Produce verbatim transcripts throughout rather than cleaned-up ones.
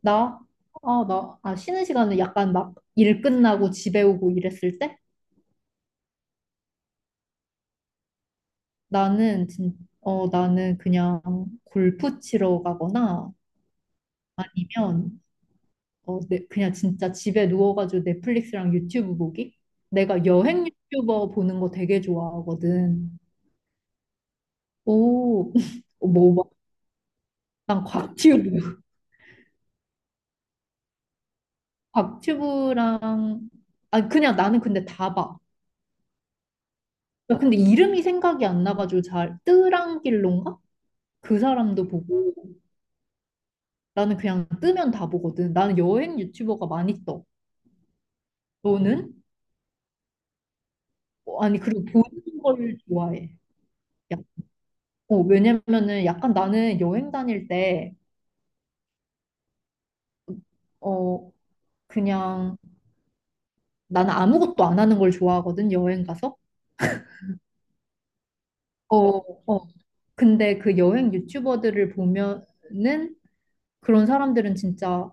나? 아, 나, 아, 쉬는 시간에 약간 막 일 끝나고 집에 오고 이랬을 때? 나는, 진, 어, 나는 그냥 골프 치러 가거나 아니면, 어, 내, 그냥 진짜 집에 누워가지고 넷플릭스랑 유튜브 보기? 내가 여행 유튜버 보는 거 되게 좋아하거든. 오, 뭐, 막, 난 곽튜브. 곽튜브랑, 아, 그냥 나는 근데 다 봐. 나 근데 이름이 생각이 안 나가지고 잘, 뜨랑길론가? 그 사람도 보고. 나는 그냥 뜨면 다 보거든. 나는 여행 유튜버가 많이 떠. 너는? 어, 아니, 그리고 보는 걸 좋아해. 야, 어, 왜냐면은 약간 나는 여행 다닐 때, 어, 그냥 나는 아무것도 안 하는 걸 좋아하거든, 여행 가서. 어, 어. 근데 그 여행 유튜버들을 보면은 그런 사람들은 진짜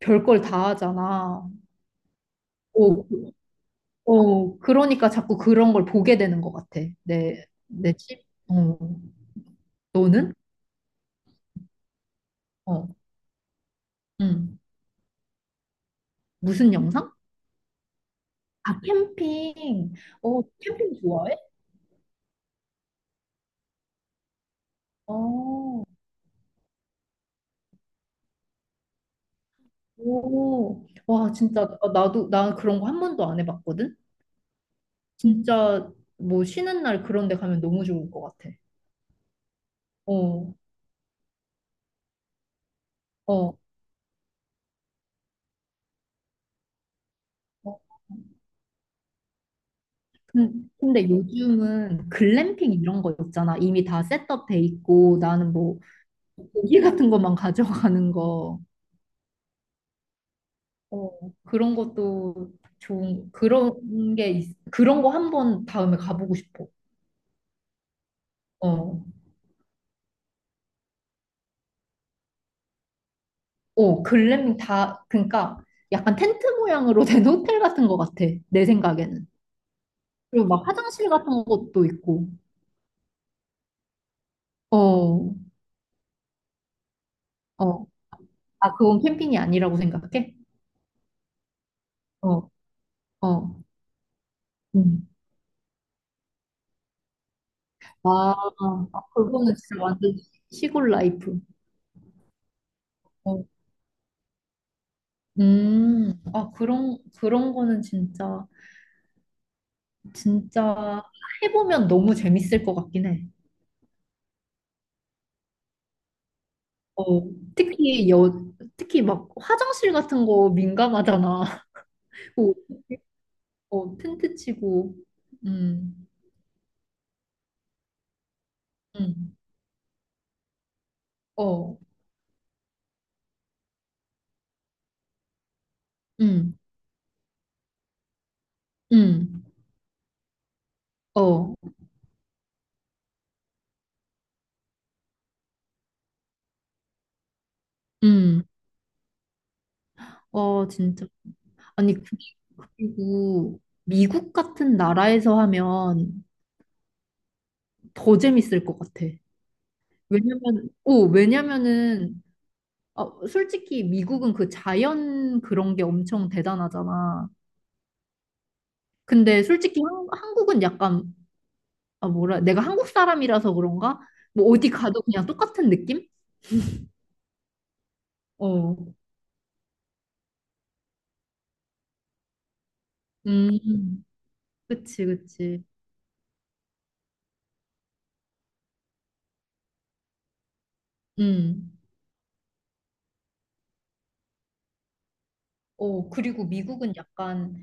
별 걸 다 하잖아. 어, 어, 그러니까 자꾸 그런 걸 보게 되는 것 같아. 내, 내 집? 어, 너는? 어, 응. 무슨 영상? 아, 캠핑. 어, 캠핑 좋아해? 어, 오, 와, 진짜, 나- 나도, 나 그런 거 한 번도 안 해봤거든? 진짜, 뭐, 쉬는 날 그런 데 가면 너무 좋을 것 같아. 어, 어. 어. 근- 근데 요즘은 글램핑 이런 거 있잖아. 이미 다 셋업 돼 있고, 나는 뭐, 고기 같은 것만 가져가는 거. 어, 그런 것도 좋은, 그런 게, 있- 그런 거 한 번 다음에 가보고 싶어. 어, 오, 글램핑 다, 그러니까 약간 텐트 모양으로 된 호텔 같은 것 같아, 내 생각에는. 그리고 막 화장실 같은 것도 있고. 어, 어. 아, 그건 캠핑이 아니라고 생각해? 어, 어. 음. 아, 아, 그거는 진짜 완전 시골 라이프. 어. 음, 아, 그런, 그런 거는 진짜, 진짜 해보면 너무 재밌을 것 같긴 해. 어, 특히 여, 특히 막 화장실 같은 거 민감하잖아. 어, 텐트 치고, 음, 음, 어, 음, 음, 어, 음. 어, 진짜. 아니, 그- 그리고 미국 같은 나라에서 하면 더 재밌을 것 같아. 왜냐면, 오, 왜냐면은, 어, 솔직히 미국은 그 자연 그런 게 엄청 대단하잖아. 근데 솔직히 한, 한국은 약간, 아, 뭐라, 내가 한국 사람이라서 그런가? 뭐 어디 가도 그냥 똑같은 느낌? 어, 음. 그치, 그치. 음. 어, 그리고 미국은 약간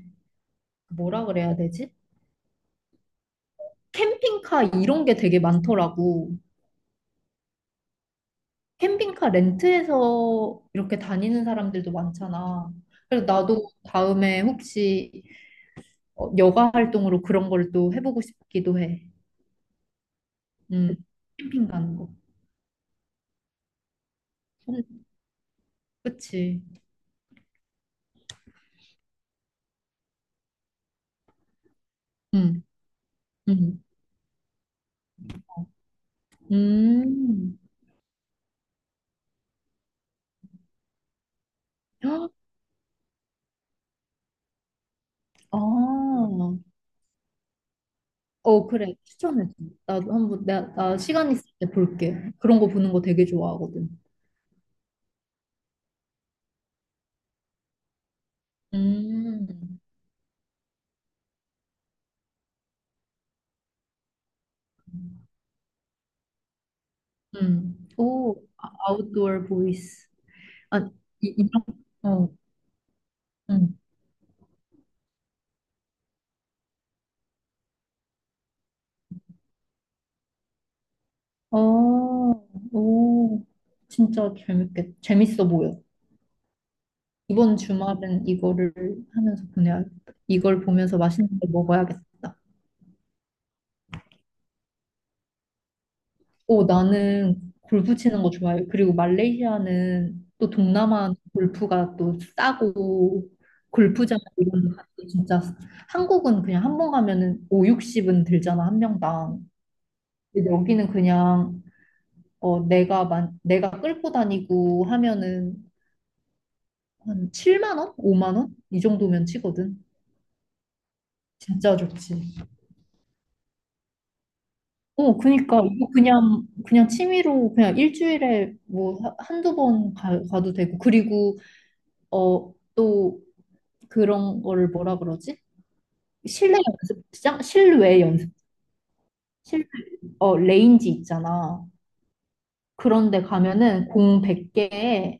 그 뭐라 그래야 되지? 캠핑카 이런 게 되게 많더라고. 캠핑카 렌트해서 이렇게 다니는 사람들도 많잖아. 그래서 나도 다음에 혹시 어, 여가 활동으로 그런 걸 또 해보고 싶기도 해. 음, 캠핑 가는 거. 음, 그치. 음, 음, 음. 헉, 아, 어, 그래. 추천해줘. 나도 한번, 나, 나 시간 있을 때 볼게. 그런 거 보는 거 되게 좋아하거든. 음, 음. 오, 아- 아웃도어 보이스. 아, 이, 이런, 어, 음. 어, 오, 진짜 재밌겠, 재밌어 보여. 이번 주말은 이거를 하면서 보내야겠다. 이걸 보면서 맛있는 거 먹어야겠다. 오, 나는 골프 치는 거 좋아해요. 그리고 말레이시아는 또 동남아 골프가 또 싸고, 골프장 이런 데 가도 진짜, 한국은 그냥 한번 가면은 오육십은 들잖아, 한 명당. 근데 여기는 그냥 어 내가 만 내가 끌고 다니고 하면은 한 칠만 원? 오만 원? 이 정도면 치거든. 진짜 좋지. 어 그니까 이거 그냥 그냥 취미로 그냥 일주일에 뭐 하- 한두 번 가, 가도 되고 그리고 어 또 그런 거를 뭐라 그러지? 실내 연습장? 실외 연습. 실 어 레인지 있잖아. 그런데 가면은 공 백 개에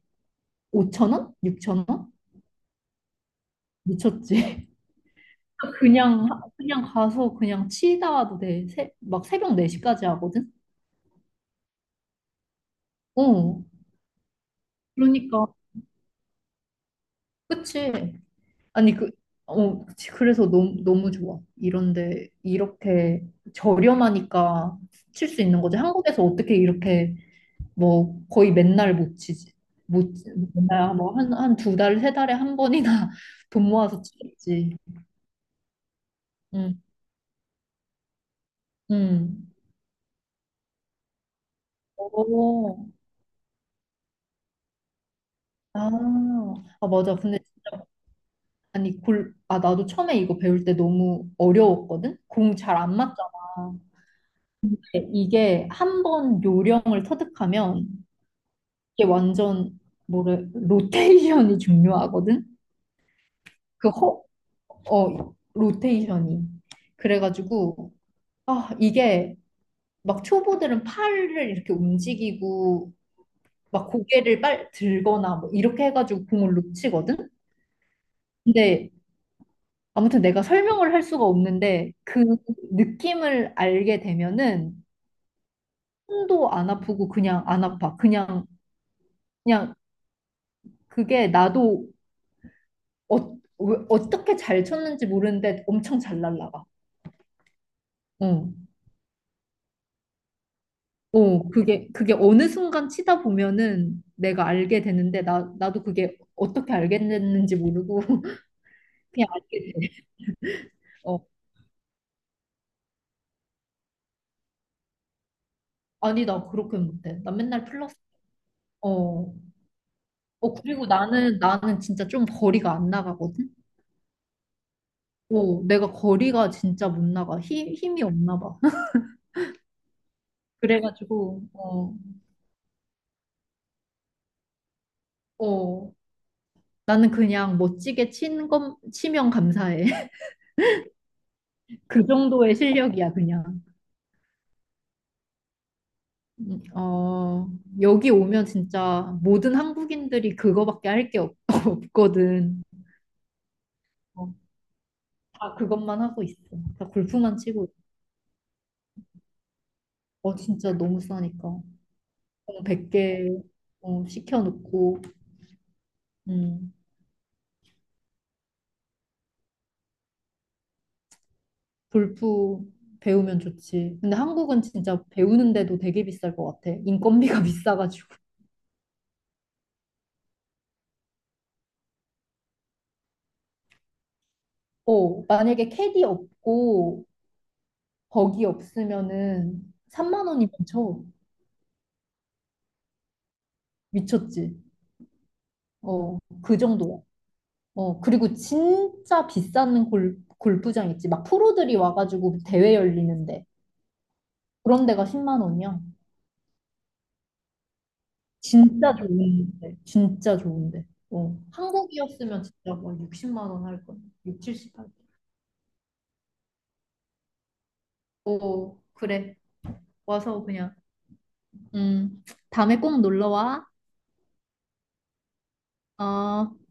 오천 원? 육천 원? 미쳤지. 그냥 그냥 가서 그냥 치다 와도 돼. 새, 막 새벽 네 시까지 하거든. 어. 그러니까 그치. 아니 그 어, 그치. 그래서 너무 너무 좋아. 이런데 이렇게 저렴하니까 칠 수 있는 거지. 한국에서 어떻게 이렇게 뭐 거의 맨날 못 치지. 못 치- 맨날 뭐한 한 두 달, 세 달에 한 번이나 돈 모아서 치겠지. 응. 응. 오. 아. 아 맞아. 근데 아니 골, 아 나도 처음에 이거 배울 때 너무 어려웠거든? 공 잘 안 맞잖아. 근데 이게 한 번 요령을 터득하면 이게 완전 뭐래 로테이션이 중요하거든? 그 허, 어 로테이션이. 그래가지고 아 이게 막 초보들은 팔을 이렇게 움직이고 막 고개를 빨 들거나 뭐 이렇게 해가지고 공을 놓치거든? 근데 아무튼 내가 설명을 할 수가 없는데 그 느낌을 알게 되면은 손도 안 아프고 그냥 안 아파. 그냥 그냥 그게 나도 어, 왜- 어떻게 잘 쳤는지 모르는데 엄청 잘 날라가. 어. 어, 그게 그게 어느 순간 치다 보면은 내가 알게 되는데 나 나도 그게 어떻게 알게 됐는지 모르고 그냥 알게 돼. 어. 아니 나 그렇게 못해. 나 맨날 플러스. 어. 어 그리고 나는 나는 진짜 좀 거리가 안 나가거든. 어, 내가 거리가 진짜 못 나가. 힘, 힘이 없나 봐. 그래가지고, 어, 어. 나는 그냥 멋지게 친 건, 치면 감사해. 그 정도의 실력이야, 그냥. 음, 어, 여기 오면 진짜 모든 한국인들이 그거밖에 할 게 없거든. 어, 다 그것만 하고 있어. 다 골프만 치고 있어. 어, 진짜 너무 싸니까. 어, 백 개, 어, 시켜놓고, 음. 골프 배우면 좋지. 근데 한국은 진짜 배우는데도 되게 비쌀 것 같아. 인건비가 비싸가지고. 어, 만약에 캐디 없고 버기 없으면은 삼만 원이면 쳐. 미쳤지. 어, 그 정도야. 어, 그리고 진짜 비싼 골, 골프장 있지. 막 프로들이 와가지고 대회 열리는데. 그런 데가 십만 원이야. 진짜 좋은데. 진짜 좋은데. 어, 한국이었으면 진짜 뭐 육십만 원 할 거야. 육십, 칠십 할 거야. 어, 그래. 와서 그냥 음 다음에 꼭 놀러 와. 어.